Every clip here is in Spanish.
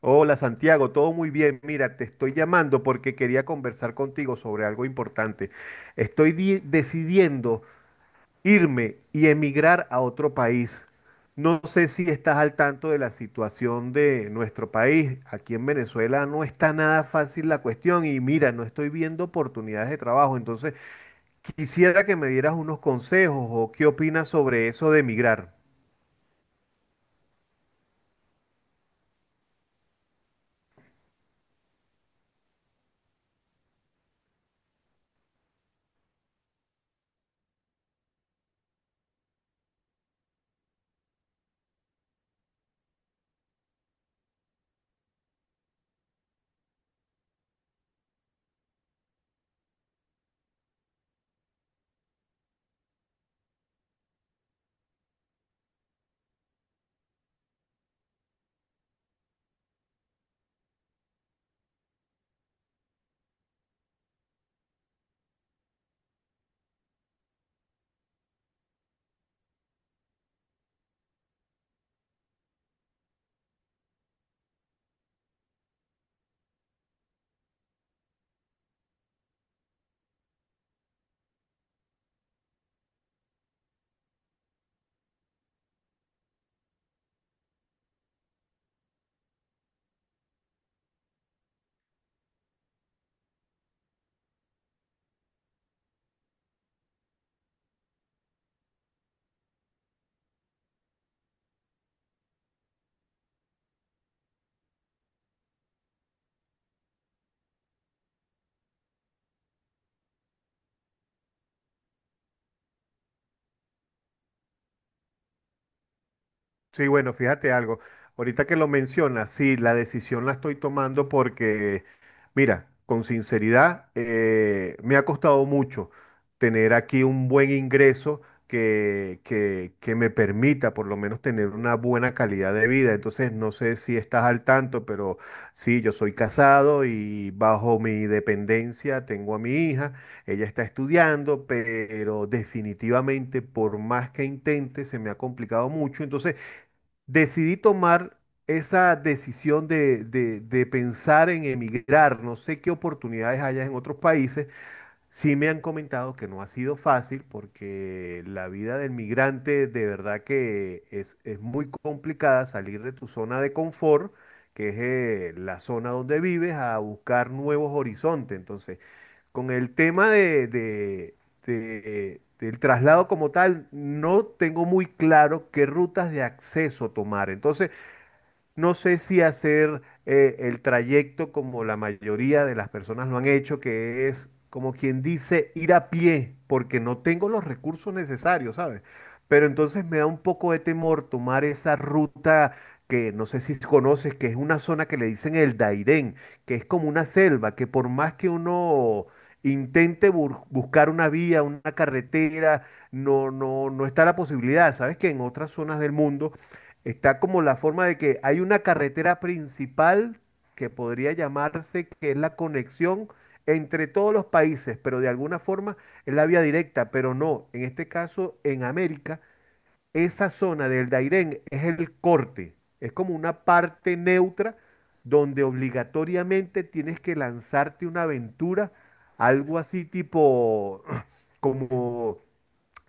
Hola Santiago, todo muy bien. Mira, te estoy llamando porque quería conversar contigo sobre algo importante. Estoy decidiendo irme y emigrar a otro país. No sé si estás al tanto de la situación de nuestro país. Aquí en Venezuela no está nada fácil la cuestión y mira, no estoy viendo oportunidades de trabajo. Entonces, quisiera que me dieras unos consejos o qué opinas sobre eso de emigrar. Sí, bueno, fíjate algo. Ahorita que lo mencionas, sí, la decisión la estoy tomando porque, mira, con sinceridad, me ha costado mucho tener aquí un buen ingreso que me permita por lo menos tener una buena calidad de vida. Entonces, no sé si estás al tanto, pero sí, yo soy casado y bajo mi dependencia tengo a mi hija. Ella está estudiando, pero definitivamente por más que intente, se me ha complicado mucho. Entonces, decidí tomar esa decisión de pensar en emigrar. No sé qué oportunidades hayas en otros países. Sí me han comentado que no ha sido fácil porque la vida del migrante de verdad que es muy complicada salir de tu zona de confort, que es la zona donde vives, a buscar nuevos horizontes. Entonces, con el tema del traslado como tal, no tengo muy claro qué rutas de acceso tomar. Entonces, no sé si hacer el trayecto como la mayoría de las personas lo han hecho, que es como quien dice ir a pie, porque no tengo los recursos necesarios, ¿sabes? Pero entonces me da un poco de temor tomar esa ruta que no sé si conoces, que es una zona que le dicen el Dairén, que es como una selva, que por más que uno intente buscar una vía, una carretera, no está la posibilidad. Sabes que en otras zonas del mundo está como la forma de que hay una carretera principal que podría llamarse que es la conexión entre todos los países, pero de alguna forma es la vía directa, pero no, en este caso en América, esa zona del Dairén es el corte, es como una parte neutra donde obligatoriamente tienes que lanzarte una aventura, algo así tipo como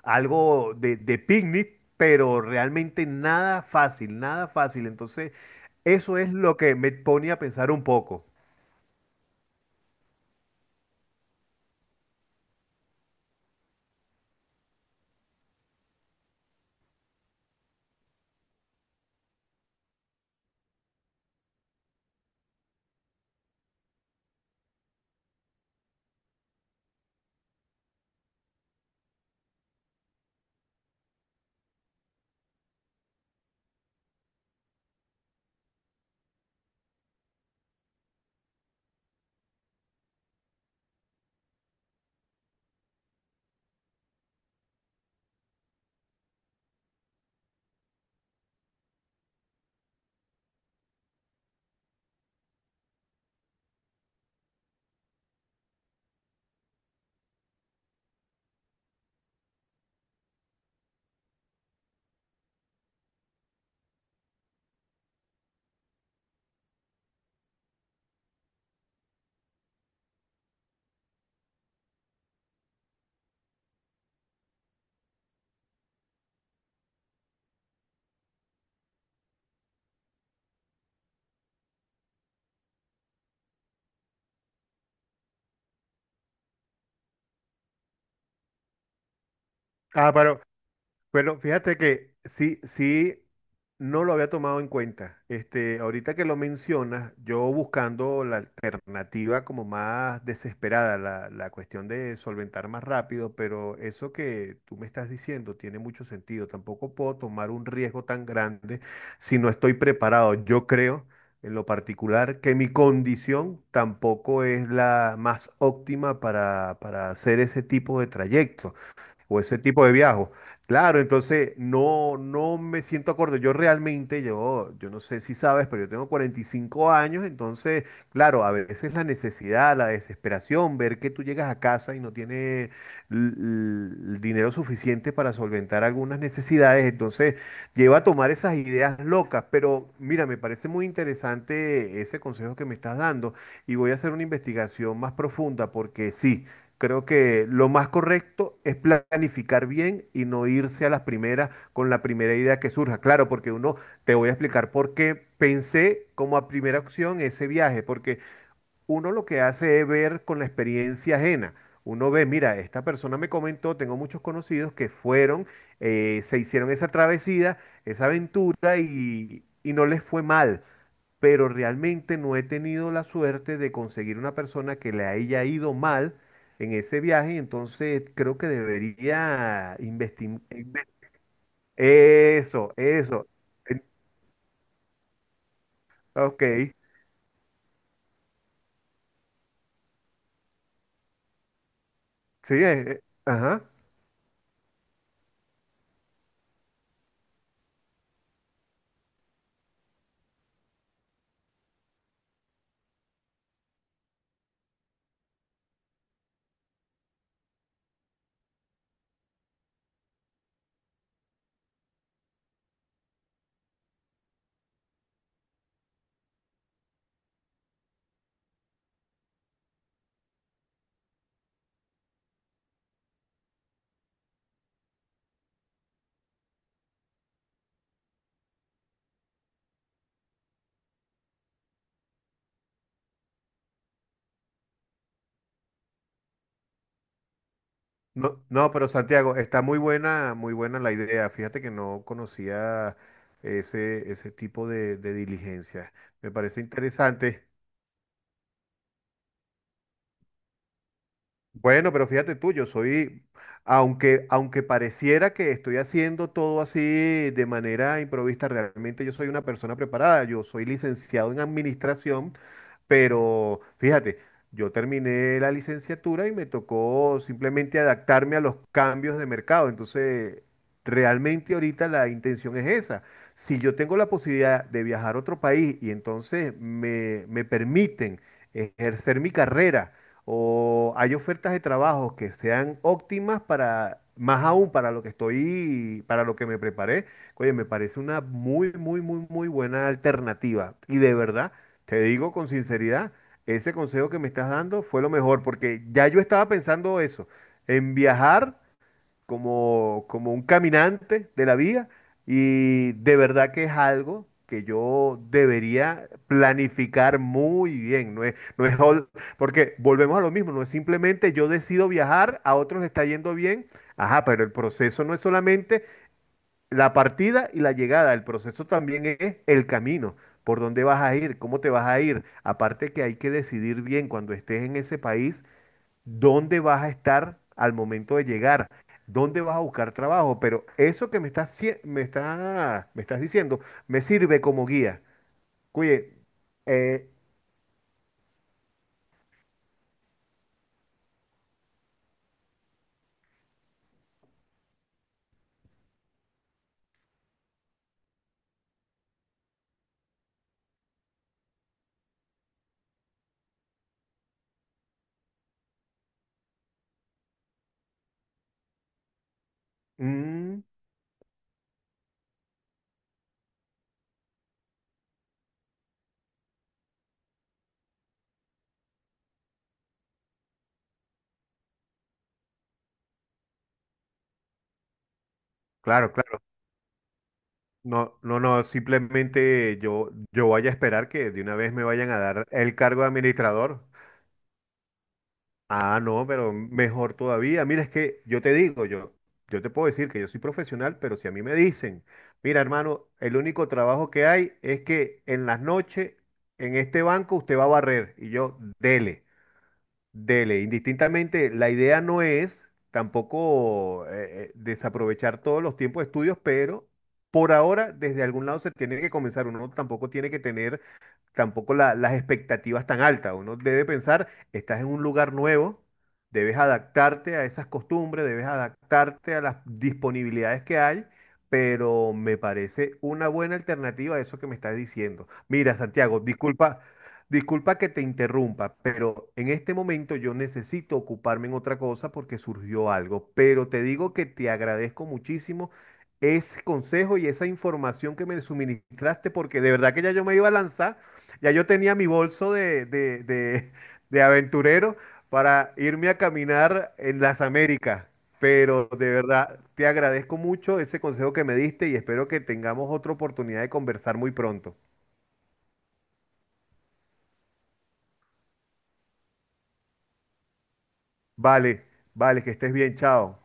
algo de picnic, pero realmente nada fácil, nada fácil. Entonces, eso es lo que me pone a pensar un poco. Ah, pero bueno, fíjate que sí, sí, no lo había tomado en cuenta. Este, ahorita que lo mencionas, yo buscando la alternativa como más desesperada, la cuestión de solventar más rápido, pero eso que tú me estás diciendo tiene mucho sentido. Tampoco puedo tomar un riesgo tan grande si no estoy preparado. Yo creo, en lo particular, que mi condición tampoco es la más óptima para hacer ese tipo de trayectos o ese tipo de viajes. Claro, entonces no, no me siento acorde. Yo realmente, yo no sé si sabes, pero yo tengo 45 años, entonces, claro, a veces la necesidad, la desesperación, ver que tú llegas a casa y no tienes l- l- el dinero suficiente para solventar algunas necesidades, entonces lleva a tomar esas ideas locas. Pero mira, me parece muy interesante ese consejo que me estás dando y voy a hacer una investigación más profunda porque sí. Creo que lo más correcto es planificar bien y no irse a las primeras con la primera idea que surja. Claro, porque uno, te voy a explicar por qué pensé como a primera opción ese viaje, porque uno lo que hace es ver con la experiencia ajena. Uno ve, mira, esta persona me comentó, tengo muchos conocidos que fueron, se hicieron esa travesía, esa aventura y no les fue mal pero realmente no he tenido la suerte de conseguir una persona que le haya ido mal en ese viaje, entonces creo que debería investigar. Eso, eso. En- Ok, sí, ajá. No, no, pero Santiago, está muy buena la idea. Fíjate que no conocía ese, ese tipo de diligencia. Me parece interesante. Bueno, pero fíjate tú, yo soy, aunque pareciera que estoy haciendo todo así de manera improvista, realmente yo soy una persona preparada. Yo soy licenciado en administración pero fíjate, yo terminé la licenciatura y me tocó simplemente adaptarme a los cambios de mercado. Entonces, realmente ahorita la intención es esa. Si yo tengo la posibilidad de viajar a otro país y entonces me permiten ejercer mi carrera o hay ofertas de trabajo que sean óptimas para, más aún para lo que estoy, para lo que me preparé, oye, me parece una muy buena alternativa. Y de verdad. Te digo con sinceridad, ese consejo que me estás dando fue lo mejor, porque ya yo estaba pensando eso, en viajar como un caminante de la vida, y de verdad que es algo que yo debería planificar muy bien, no es, no es, porque volvemos a lo mismo, no es simplemente yo decido viajar, a otros les está yendo bien, ajá, pero el proceso no es solamente la partida y la llegada, el proceso también es el camino, por dónde vas a ir, cómo te vas a ir. Aparte que hay que decidir bien cuando estés en ese país, dónde vas a estar al momento de llegar, dónde vas a buscar trabajo. Pero eso que me estás, me estás diciendo me sirve como guía. Oye, eh, mm, claro, claro. No, no, no, simplemente yo voy a esperar que de una vez me vayan a dar el cargo de administrador. Ah, no, pero mejor todavía. Mira, es que yo te digo, yo te puedo decir que yo soy profesional, pero si a mí me dicen, mira, hermano, el único trabajo que hay es que en las noches en este banco usted va a barrer y yo, dele, dele. Indistintamente, la idea no es tampoco desaprovechar todos los tiempos de estudios, pero por ahora desde algún lado se tiene que comenzar. Uno tampoco tiene que tener tampoco las expectativas tan altas. Uno debe pensar, estás en un lugar nuevo, debes adaptarte a esas costumbres, debes adaptarte a las disponibilidades que hay, pero me parece una buena alternativa a eso que me estás diciendo. Mira, Santiago, disculpa, disculpa que te interrumpa, pero en este momento yo necesito ocuparme en otra cosa porque surgió algo, pero te digo que te agradezco muchísimo ese consejo y esa información que me suministraste porque de verdad que ya yo me iba a lanzar ya yo tenía mi bolso de aventurero para irme a caminar en las Américas, pero de verdad te agradezco mucho ese consejo que me diste y espero que tengamos otra oportunidad de conversar muy pronto. Vale, vale, que estés bien, chao.